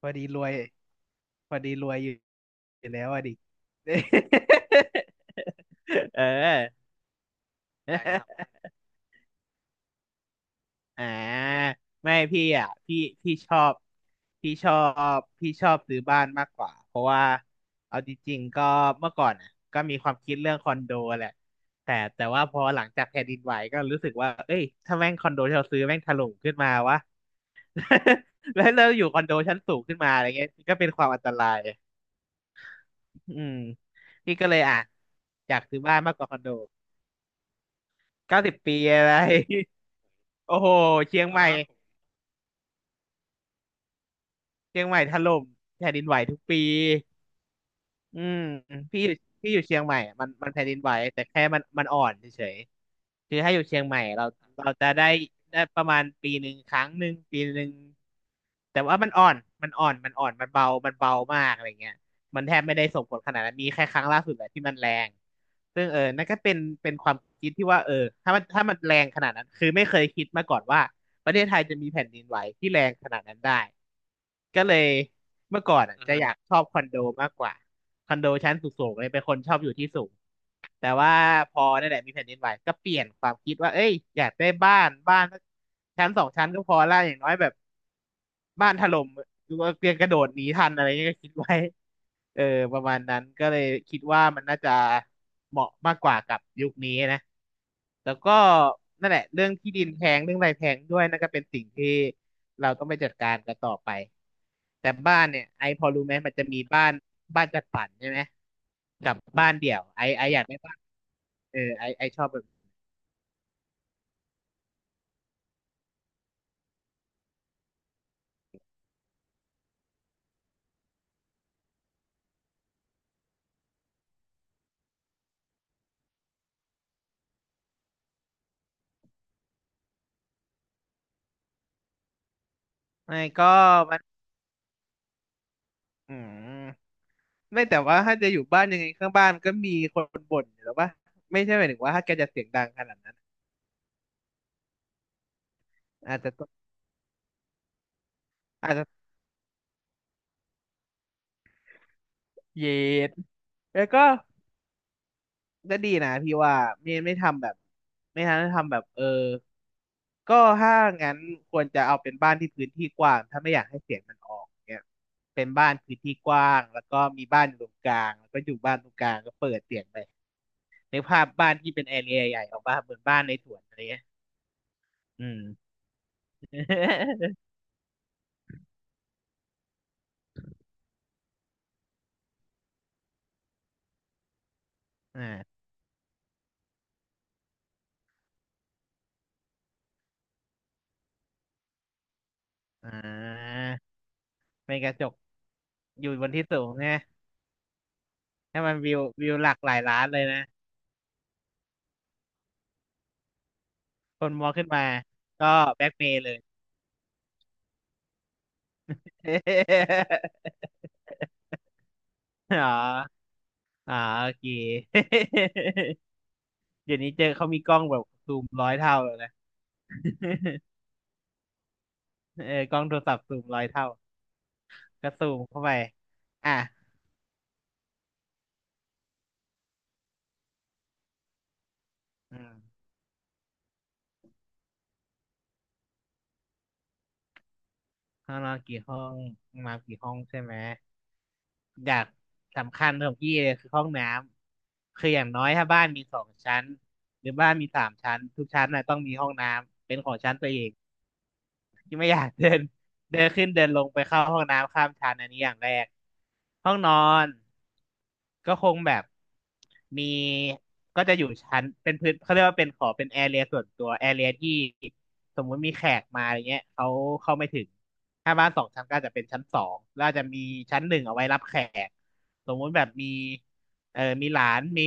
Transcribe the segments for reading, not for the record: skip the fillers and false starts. พอดีรวยพอดีรวยอยู่แล้วอะดิ เออ ได้ครับอ่าไม่พี่อ่ะพี่พี่ชอบพี่ชอบพี่ชอบซื้อบ้านมากกว่าเพราะว่าเอาจริงๆก็เมื่อก่อนอ่ะก็มีความคิดเรื่องคอนโดแหละแต่ว่าพอหลังจากแผ่นดินไหวก็รู้สึกว่าเอ้ยถ้าแม่งคอนโดที่เราซื้อแม่งถล่มขึ้นมาวะ แล้วเราอยู่คอนโดชั้นสูงขึ้นมาอะไรเงี้ยก็เป็นความอันตราย อืมพี่ก็เลยอ่ะอยากซื้อบ้านมากกว่าคอนโด90 ปีอะไร โอ้โหเชียงใหม่เชียงใหม่ถล่มแผ่นดินไหวทุกปี อืมพี่อยู่พี่อยู่เชียงใหม่อะมันแผ่นดินไหวแต่แค่มันอ่อนเฉยๆคือถ้าอยู่เชียงใหม่เราจะได้ประมาณปีหนึ่งครั้งหนึ่งปีหนึ่งแต่ว่ามันอ่อนมันเบามากอะไรเงี้ยมันแทบไม่ได้ส่งผลขนาดนั้นมีแค่ครั้งล่าสุดแหละที่มันแรงซึ่งนั่นก็เป็นความคิดที่ว่าถ้ามันแรงขนาดนั้นคือไม่เคยคิดมาก่อนว่า ประเทศไทยจะมีแผ่นดินไหวที่แรงขนาดนั้นได้ก็เลยเมื่อก่อนอะอือจะฮะอยากชอบคอนโดมากกว่าคอนโดชั้นสูงๆเลยเป็นคนชอบอยู่ที่สูงแต่ว่าพอนั่นแหละมีแผ่นดินไหวก็เปลี่ยนความคิดว่าเอ้ยอยากได้บ้านสักชั้นสองชั้นก็พอละอย่างน้อยแบบ บ้านถล่มหรือว่าเตรียมกระโดดหนีทันอะไรเงี้ยก็คิดไว้เออประมาณนั้นก็เลยคิดว่ามันน่าจะเหมาะมากกว่ากับยุคนี้นะแล้วก็นั่นแหละเรื่องที่ดินแพงเรื่องอะไรแพงด้วยนั่นก็เป็นสิ่งที่เราต้องไปจัดการกันต่อไปแต่บ้านเนี่ยไอพอรู้ไหมมันจะมีบ้านจัดสรรใช่ไหมกับบ้านเดี่ยวไออยากได้บ้านไอชอบแบบไอก็มันอืม ไม่แต่ว่าถ้าจะอยู่บ้านยังไงข้างบ้านก็มีคนบ่นอยู่แล้วป่ะไม่ใช่หมายถึงว่าถ้าแกจะเสียงดังขนาดนั้นอาจจะต้องอาจจะเย็ดแล้วก็ก็ดีนะพี่ว่าไม่ทำแบบไม่ทำแบบก็ถ้างั้นควรจะเอาเป็นบ้านที่พื้นที่กว้างถ้าไม่อยากให้เสียงมันออกเนี่ยเป็นบ้านพื้นที่กว้างแล้วก็มีบ้านอยู่ตรงกลางแล้วก็อยู่บ้านตรงกลางก็เปิดเสียงไปในกภาพบ้านที่เป็นแอเรียใหญ่ออกมาเหมือนบ้านในสวนอะไรเงี้ยอืม อ่า อ่าเป็นกระจกอยู่บนที่สูงนะให้มันวิวหลักหลายล้านเลยนะคนมองขึ้นมาก็แบ็กเมย์เลย อ๋ออ๋อโอเค เดี๋ยวนี้เจอเขามีกล้องแบบซูมร้อยเท่าเลยนะ เออกล้องโทรศัพท์ซูมร้อยเท่าก็ซูมเข้าไปอ่ะอืมข้างนอนกี่ห้องมากี่ห้องใช่ไหม อย่างสำคัญของพี่เลยคือห้องน้ำคืออย่างน้อยถ้าบ้านมีสองชั้นหรือบ้านมี3 ชั้นทุกชั้นน่ะต้องมีห้องน้ำเป็นของชั้นตัวเอง ที่ไม่อยากเดิน เดินขึ้นเดินลงไปเข้าห้องน้ำข้ามชั้นอันนี้อย่างแรกห้องนอนก็คงแบบมีก็จะอยู่ชั้นเป็นพื้นเขาเรียกว่าเป็นขอเป็นแอเรียส่วนตัวแอเรียที่สมมุติมีแขกมาอะไรเงี้ยเขาเข้าไม่ถึงถ้าบ้าน 2 ชั้นก็อาจจะเป็นชั้นสองแล้วอาจจะมีชั้นหนึ่งเอาไว้รับแขกสมมุติแบบมี เออมีหลานมี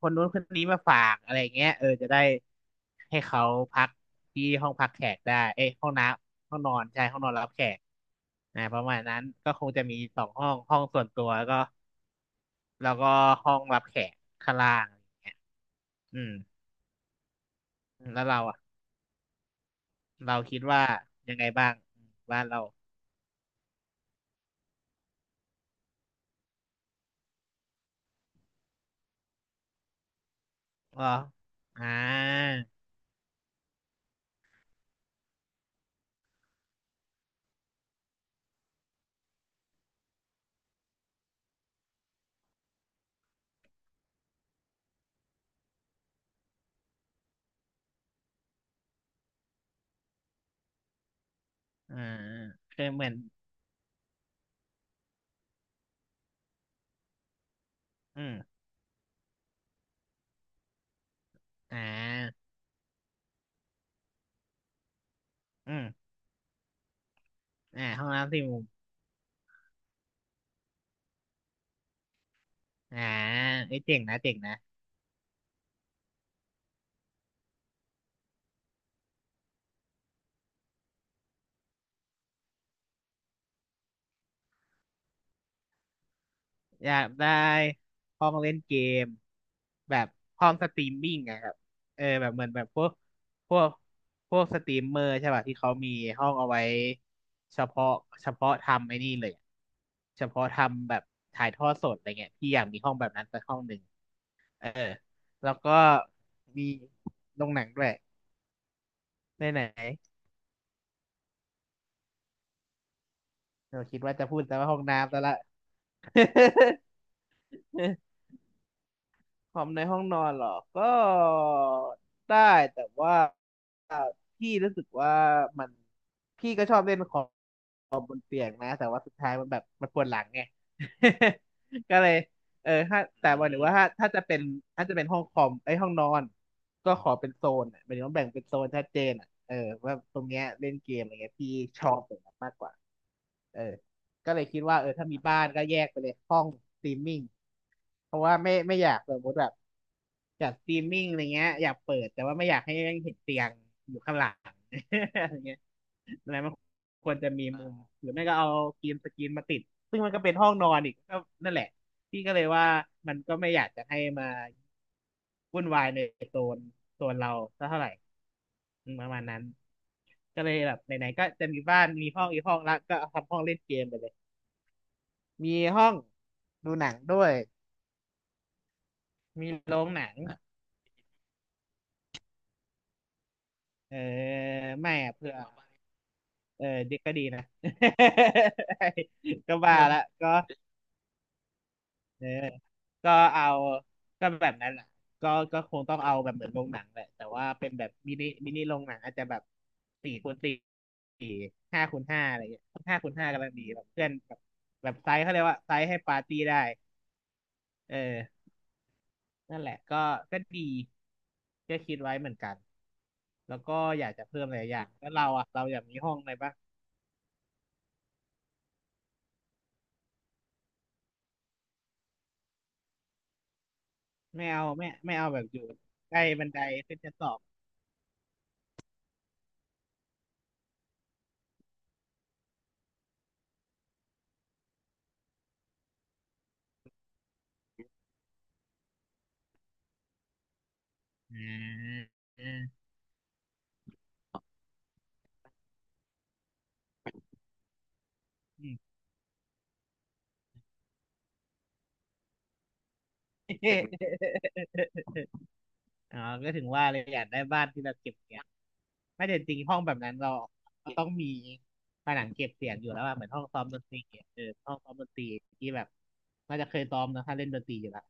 คนนู้นคนนี้มาฝากอะไรเงี้ยเออจะได้ให้เขาพักที่ห้องพักแขกได้เอ้ยห้องน้ำห้องนอนใช่ห้องนอนรับแขกนะประมาณนั้นก็คงจะมี2 ห้องห้องส่วนตัวแล้วก็ห้องรับแขกข้างล่างอะไรเงี้ยอืมแล้วเราอ่ะเราคิดว่ายังไงบ้างอืมบ้านเราอ๋ออ่าอ่าคือเหมือนอืมอ่าอืมอ่าห้องน้ำ4 มุมอ่าเอ้ยเจ๋งนะ อยากได้ห้องเล่นเกมแบบห้องสตรีมมิ่งอะครับเออแบบเหมือนแบบพวกพวกสตรีมเมอร์ใช่ป่ะที่เขามีห้องเอาไว้เฉพาะเฉพาะทำไอ้นี่เลยอะเฉพาะทำแบบถ่ายทอดสดอะไรเงี้ยพี่อยากมีห้องแบบนั้นสักห้องหนึ่งเออแล้วก็มีโรงหนังด้วยไหนไหนเราคิดว่าจะพูดแต่ว่าห้องน้ำซะละ คอมในห้องนอนเหรอก็ได้แต่ว่าพี่รู้สึกว่ามันพี่ก็ชอบเล่นคอมเปียกนะแต่ว่าสุดท้ายมันแบบมันปวดหลังไง ก็เลยถ้าแต่ว่าหรือว่าถ้าจะเป็นถ้าจะเป็นห้องคอมไอ้ยห้องนอนก็ขอเป็นโซนอ่ะหมายถึงว่าแบ่งเป็นโซนชัดเจนอ่ะเออว่าตรงเนี้ยเล่นเกมอะไรเงี้ยพี่ชอบแบบนั้นมากกว่าเออก็เลยคิดว่าเออถ้ามีบ้านก็แยกไปเลยห้องสตรีมมิ่งเพราะว่าไม่อยากสมมติแบบ จัดสตรีมมิ่งอะไรเงี้ยอยากเปิดแต่ว่าไม่อยากให้แม่งเห็นเตียงอยู่ข้างหลัง อะไรเงี้ย อะไรมันควรจะมีมุมหรือไม่ก็เอากรีนสกรีนมาติดซึ่งมันก็เป็นห้องนอนอีกก็นั่นแหละพี่ก็เลยว่ามันก็ไม่อยากจะให้มาวุ่นวายในโซนโซนเราสักเท่าไหร่อืมประมาณนั้นก็เลยแบบไหนๆก็จะมีบ้านมีห้องอีกห้องละก็เอาทำห้องเล่นเกมไปเลยมีห้องดูหนังด้วยมีโรงหนังเออไม่อะเผื่อ เออดิกก็ดีนะ ก็มาและก็เออก็เอาก็แบบนั้นแหละก็คงต้องเอาแบบเหมือนโรงหนังแหละแต่ว่าเป็นแบบมินิโรงหนังอาจจะแบบสี่คูณสี่ห้าคูณห้าอะไรอย่างเงี้ยห้าคูณห้ากำลังดีแบบเพื่อนแบบแบบไซส์เขาเรียกว่าไซส์ให้ปาร์ตี้ได้เออนั่นแหละก็ก็ดีก็คิดไว้เหมือนกันแล้วก็อยากจะเพิ่มหลายอย่างแล้วเราอ่ะเราอยากมีห้องอะไรปะ ไม่เอาไม่เอาแบบอยู่ใกล้บันไดขึ้นชั้นสองอ่าอืม อืมอ๋อก็ถึงว่าเลยอยากได้บ้านที่เราเก็บเสียงไม่แต่จริงห้องแบบนั้นเราเราต้องมีผนังเก็บเสียงอยู่แล้วอะเหมือนห้องซ้อมดนตรีอะเออห้องซ้อมดนตรีที่แบบน่าจะเคยซ้อมนะถ้าเล่นดนตรีอยู่แล้ว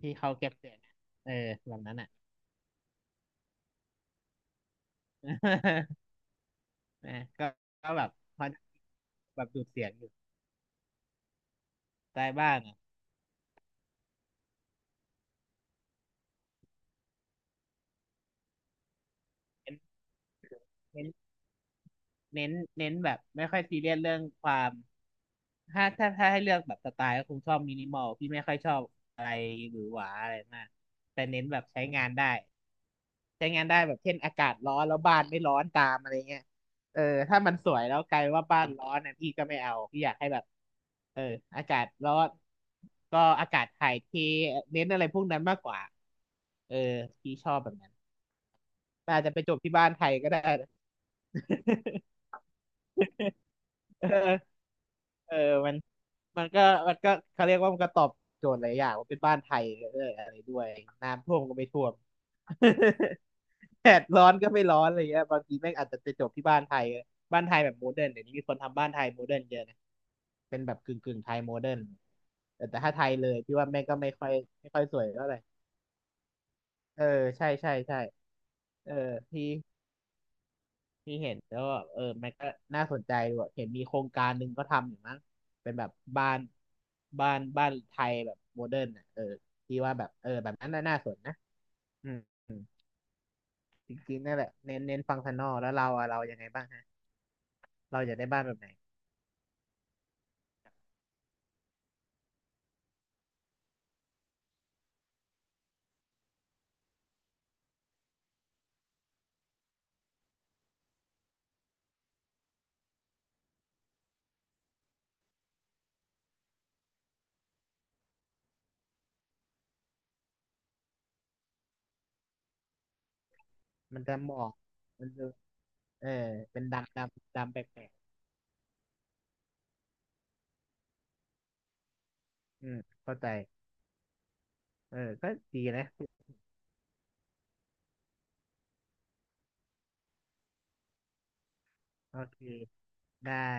ที่เขาเก็บเสียงเออแบบนั้นอ่ะ นะก็ก็แบบพอแบบดูดเสียงอยู่ใต้บ้านอ่ะเป็นเป็น เน้นเน้นแบบไม่ค่อยซีเรียสเรื่องความถ้าให้เลือกแบบสไตล์ก็คงชอบมินิมอลพี่ไม่ค่อยชอบอะไรหรือหวาอะไรมากแต่เน้นแบบใช้งานได้ใช้งานได้แบบเช่นอากาศร้อนแล้วบ้านไม่ร้อนตามอะไรเงี้ยเออถ้ามันสวยแล้วกลายว่าบ้านร้อนนะพี่ก็ไม่เอาพี่อยากให้แบบเอออากาศร้อนก็อากาศถ่ายเทเน้นอะไรพวกนั้นมากกว่าเออพี่ชอบแบบนั้นแต่อาจจะไปจบที่บ้านไทยก็ได้นะ เออเออมันมันก็มันก็เขาเรียกว่ามันก็ตอบโจทย์หลายอย่างว่าเป็นบ้านไทยเอออะไรด้วยน้ำท่วมก็ไม่ท่วม แดดร้อนก็ไม่ร้อนอะไรเงี้ยบางทีแม่งอาจจะไปจบที่บ้านไทยบ้านไทยแบบโมเดิร์นเดี๋ยวนี้มีคนทำบ้านไทยโมเดิร์นเยอะนะเป็นแบบกึ่งไทยโมเดิร์นแต่ถ้าไทยเลยพี่ว่าแม่งก็ไม่ค่อยสวยเท่าไหร่เออใช่ใช่ใช่เออพี่ ที่เห็นแล้วแบบเออมันก็น่าสนใจด้วยเห็นมีโครงการหนึ่งก็ทำอยู่มั้งเป็นแบบบ้านบ้านไทยแบบโมเดิร์นอ่ะเออที่ว่าแบบเออแบบนั้นน่ะน่าสนนะอืมอืมจริงๆนั่นแหละเน้นฟังก์ชันนอลแล้วเราอะเรายังไงบ้างฮะเราอยากได้บ้านแบบไหนมันจะเหมาะมันจะเออเป็นดำแปลกๆอืมเข้าใจเออก็ดีนะโอเคได้